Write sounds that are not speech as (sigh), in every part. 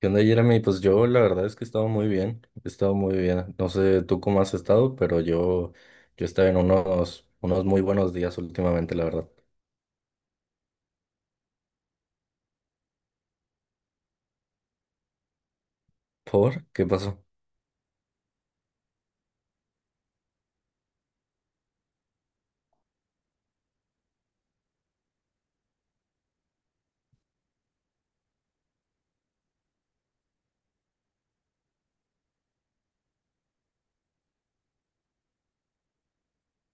¿Qué onda, Jeremy? Pues yo la verdad es que he estado muy bien, he estado muy bien. No sé tú cómo has estado, pero yo he estado en unos muy buenos días últimamente, la verdad. ¿Por? ¿Qué pasó?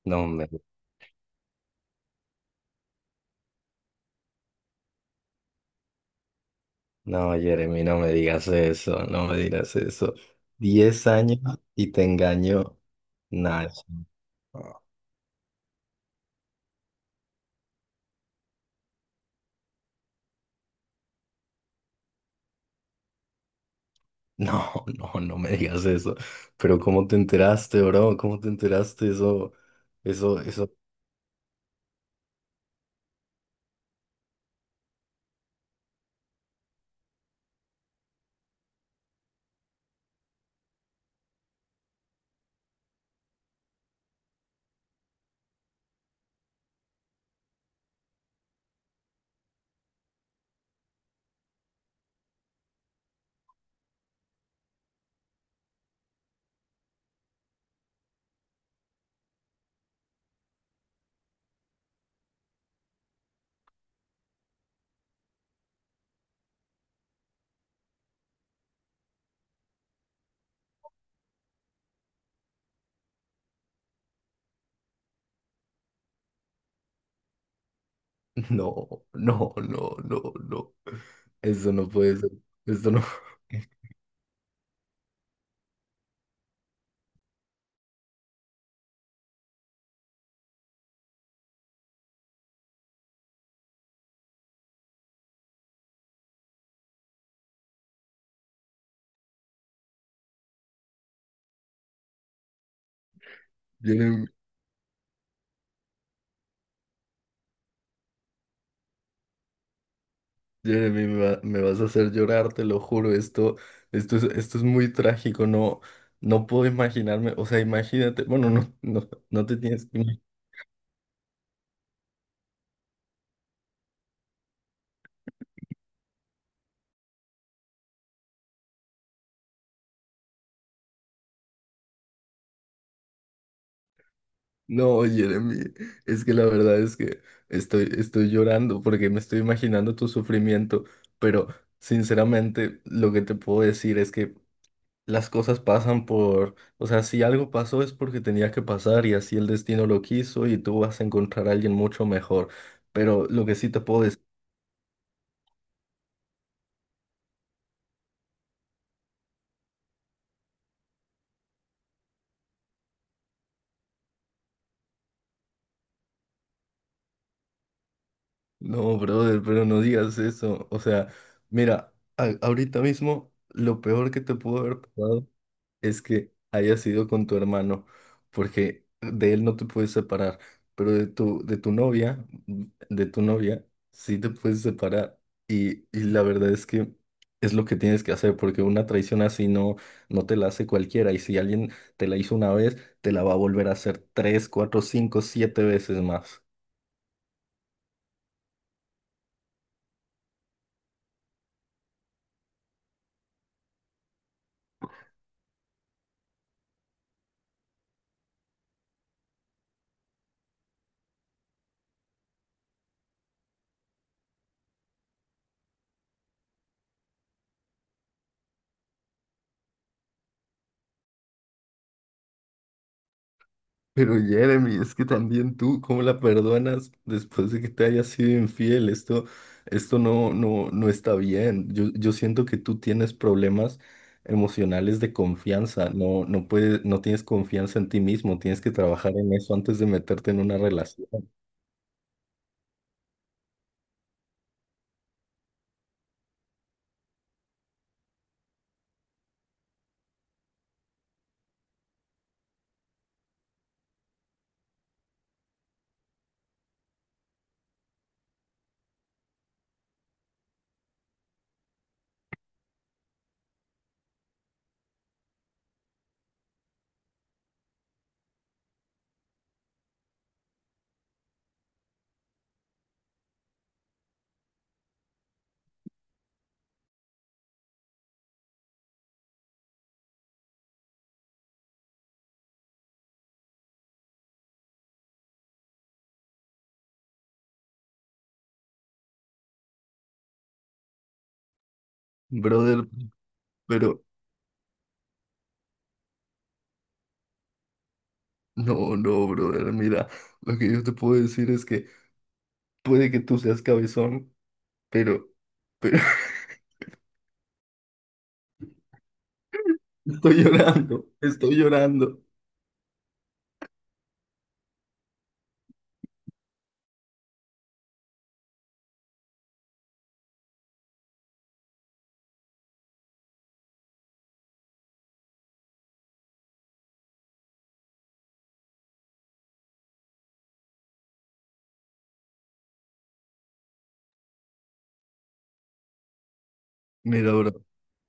No me, no, Jeremy, no me digas eso, no me digas eso. 10 años y te engaño. Nah, no, no, no me digas eso. Pero ¿cómo te enteraste, bro? ¿Cómo te enteraste eso? Eso, eso. No, no, no, no, no. Eso no puede ser. Esto no. (laughs) Jeremy, Jeremy, me vas a hacer llorar, te lo juro. Esto es muy trágico. No, no puedo imaginarme. O sea, imagínate. Bueno, no, no, no te tienes que imaginar. No, Jeremy, es que la verdad es que estoy llorando porque me estoy imaginando tu sufrimiento, pero sinceramente lo que te puedo decir es que las cosas pasan por, o sea, si algo pasó es porque tenía que pasar y así el destino lo quiso y tú vas a encontrar a alguien mucho mejor. Pero lo que sí te puedo decir, no, brother, pero no digas eso. O sea, mira, ahorita mismo lo peor que te pudo haber pasado es que haya sido con tu hermano, porque de él no te puedes separar, pero de tu novia, sí te puedes separar. Y la verdad es que es lo que tienes que hacer, porque una traición así no te la hace cualquiera. Y si alguien te la hizo una vez, te la va a volver a hacer tres, cuatro, cinco, siete veces más. Pero Jeremy, es que también tú, ¿cómo la perdonas después de que te haya sido infiel? Esto, esto no está bien. Yo siento que tú tienes problemas emocionales de confianza. No, no puedes, no tienes confianza en ti mismo. Tienes que trabajar en eso antes de meterte en una relación. Brother, pero no, no, brother. Mira, lo que yo te puedo decir es que puede que tú seas cabezón, pero, pero (laughs) estoy llorando, estoy llorando. Mira, bro.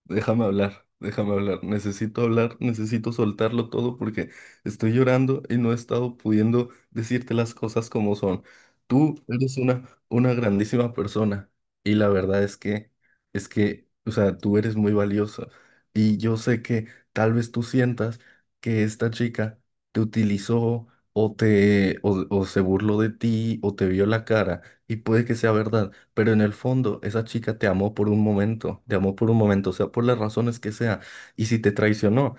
Déjame hablar, déjame hablar. Necesito hablar, necesito soltarlo todo porque estoy llorando y no he estado pudiendo decirte las cosas como son. Tú eres una grandísima persona y la verdad es que, o sea, tú eres muy valiosa y yo sé que tal vez tú sientas que esta chica te utilizó o se burló de ti o te vio la cara y puede que sea verdad. Pero en el fondo, esa chica te amó por un momento, te amó por un momento, o sea, por las razones que sea. Y si te traicionó,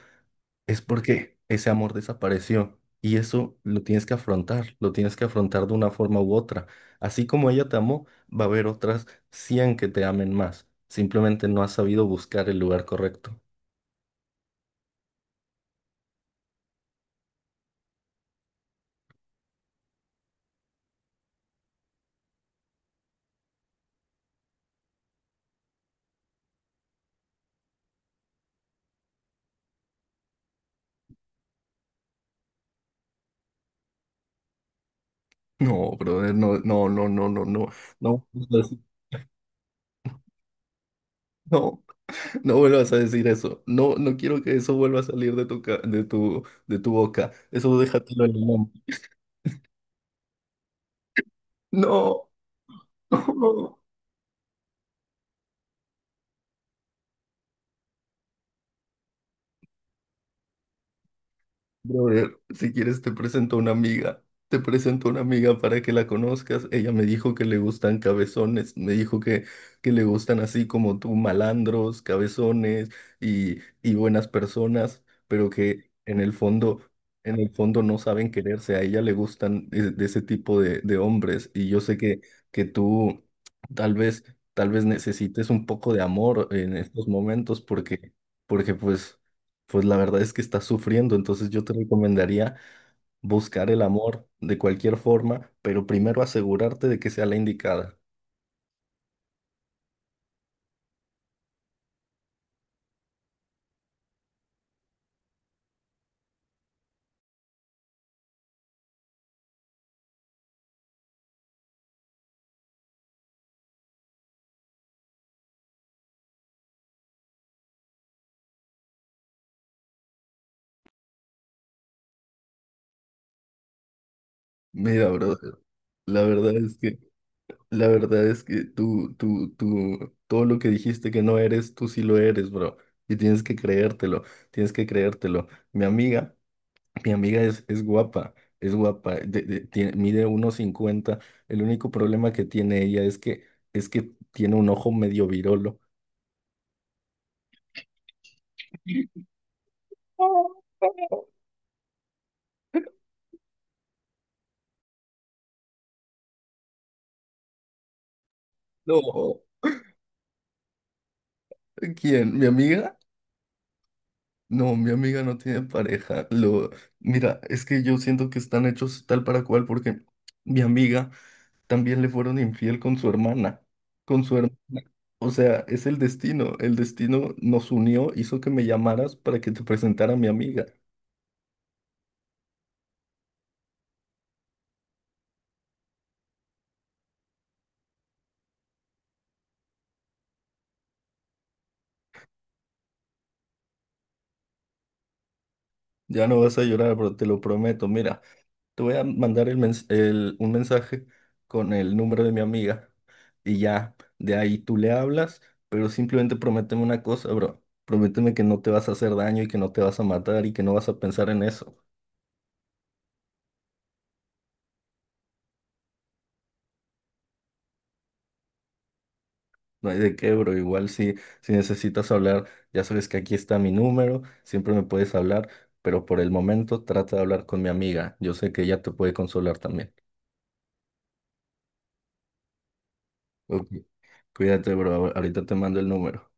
es porque ese amor desapareció. Y eso lo tienes que afrontar, lo tienes que afrontar de una forma u otra. Así como ella te amó, va a haber otras 100 que te amen más. Simplemente no has sabido buscar el lugar correcto. No, brother, no, no, no, no, no, no, no, no, no vuelvas a decir eso. No, no quiero que eso vuelva a salir de tu, ca- de tu boca. Eso déjatelo en el No, (laughs) no. Brother, si quieres te presento a una amiga. Te presento a una amiga para que la conozcas. Ella me dijo que le gustan cabezones, me dijo que le gustan así como tú, malandros, cabezones y buenas personas, pero que en el fondo no saben quererse. A ella le gustan de ese tipo de hombres. Y yo sé que tú tal vez, tal vez necesites un poco de amor en estos momentos porque, pues. Pues la verdad es que estás sufriendo, entonces yo te recomendaría buscar el amor de cualquier forma, pero primero asegurarte de que sea la indicada. Mira, brother, la verdad es que, la verdad es que tú, todo lo que dijiste que no eres, tú sí lo eres, bro. Y tienes que creértelo, tienes que creértelo. Mi amiga es, es guapa, mide 1,50. El único problema que tiene ella es que tiene un ojo medio virolo. No. ¿Quién? ¿Mi amiga? No, mi amiga no tiene pareja. Mira, es que yo siento que están hechos tal para cual porque mi amiga también le fueron infiel con su hermana, con su hermana. O sea, es el destino. El destino nos unió, hizo que me llamaras para que te presentara a mi amiga. Ya no vas a llorar, pero te lo prometo. Mira. Te voy a mandar un mensaje con el número de mi amiga y ya, de ahí tú le hablas, pero simplemente prométeme una cosa, bro. Prométeme que no te vas a hacer daño y que no te vas a matar y que no vas a pensar en eso. No hay de qué, bro. Igual si necesitas hablar, ya sabes que aquí está mi número, siempre me puedes hablar, pero por el momento trata de hablar con mi amiga. Yo sé que ella te puede consolar también. Ok, cuídate, bro. Ahorita te mando el número.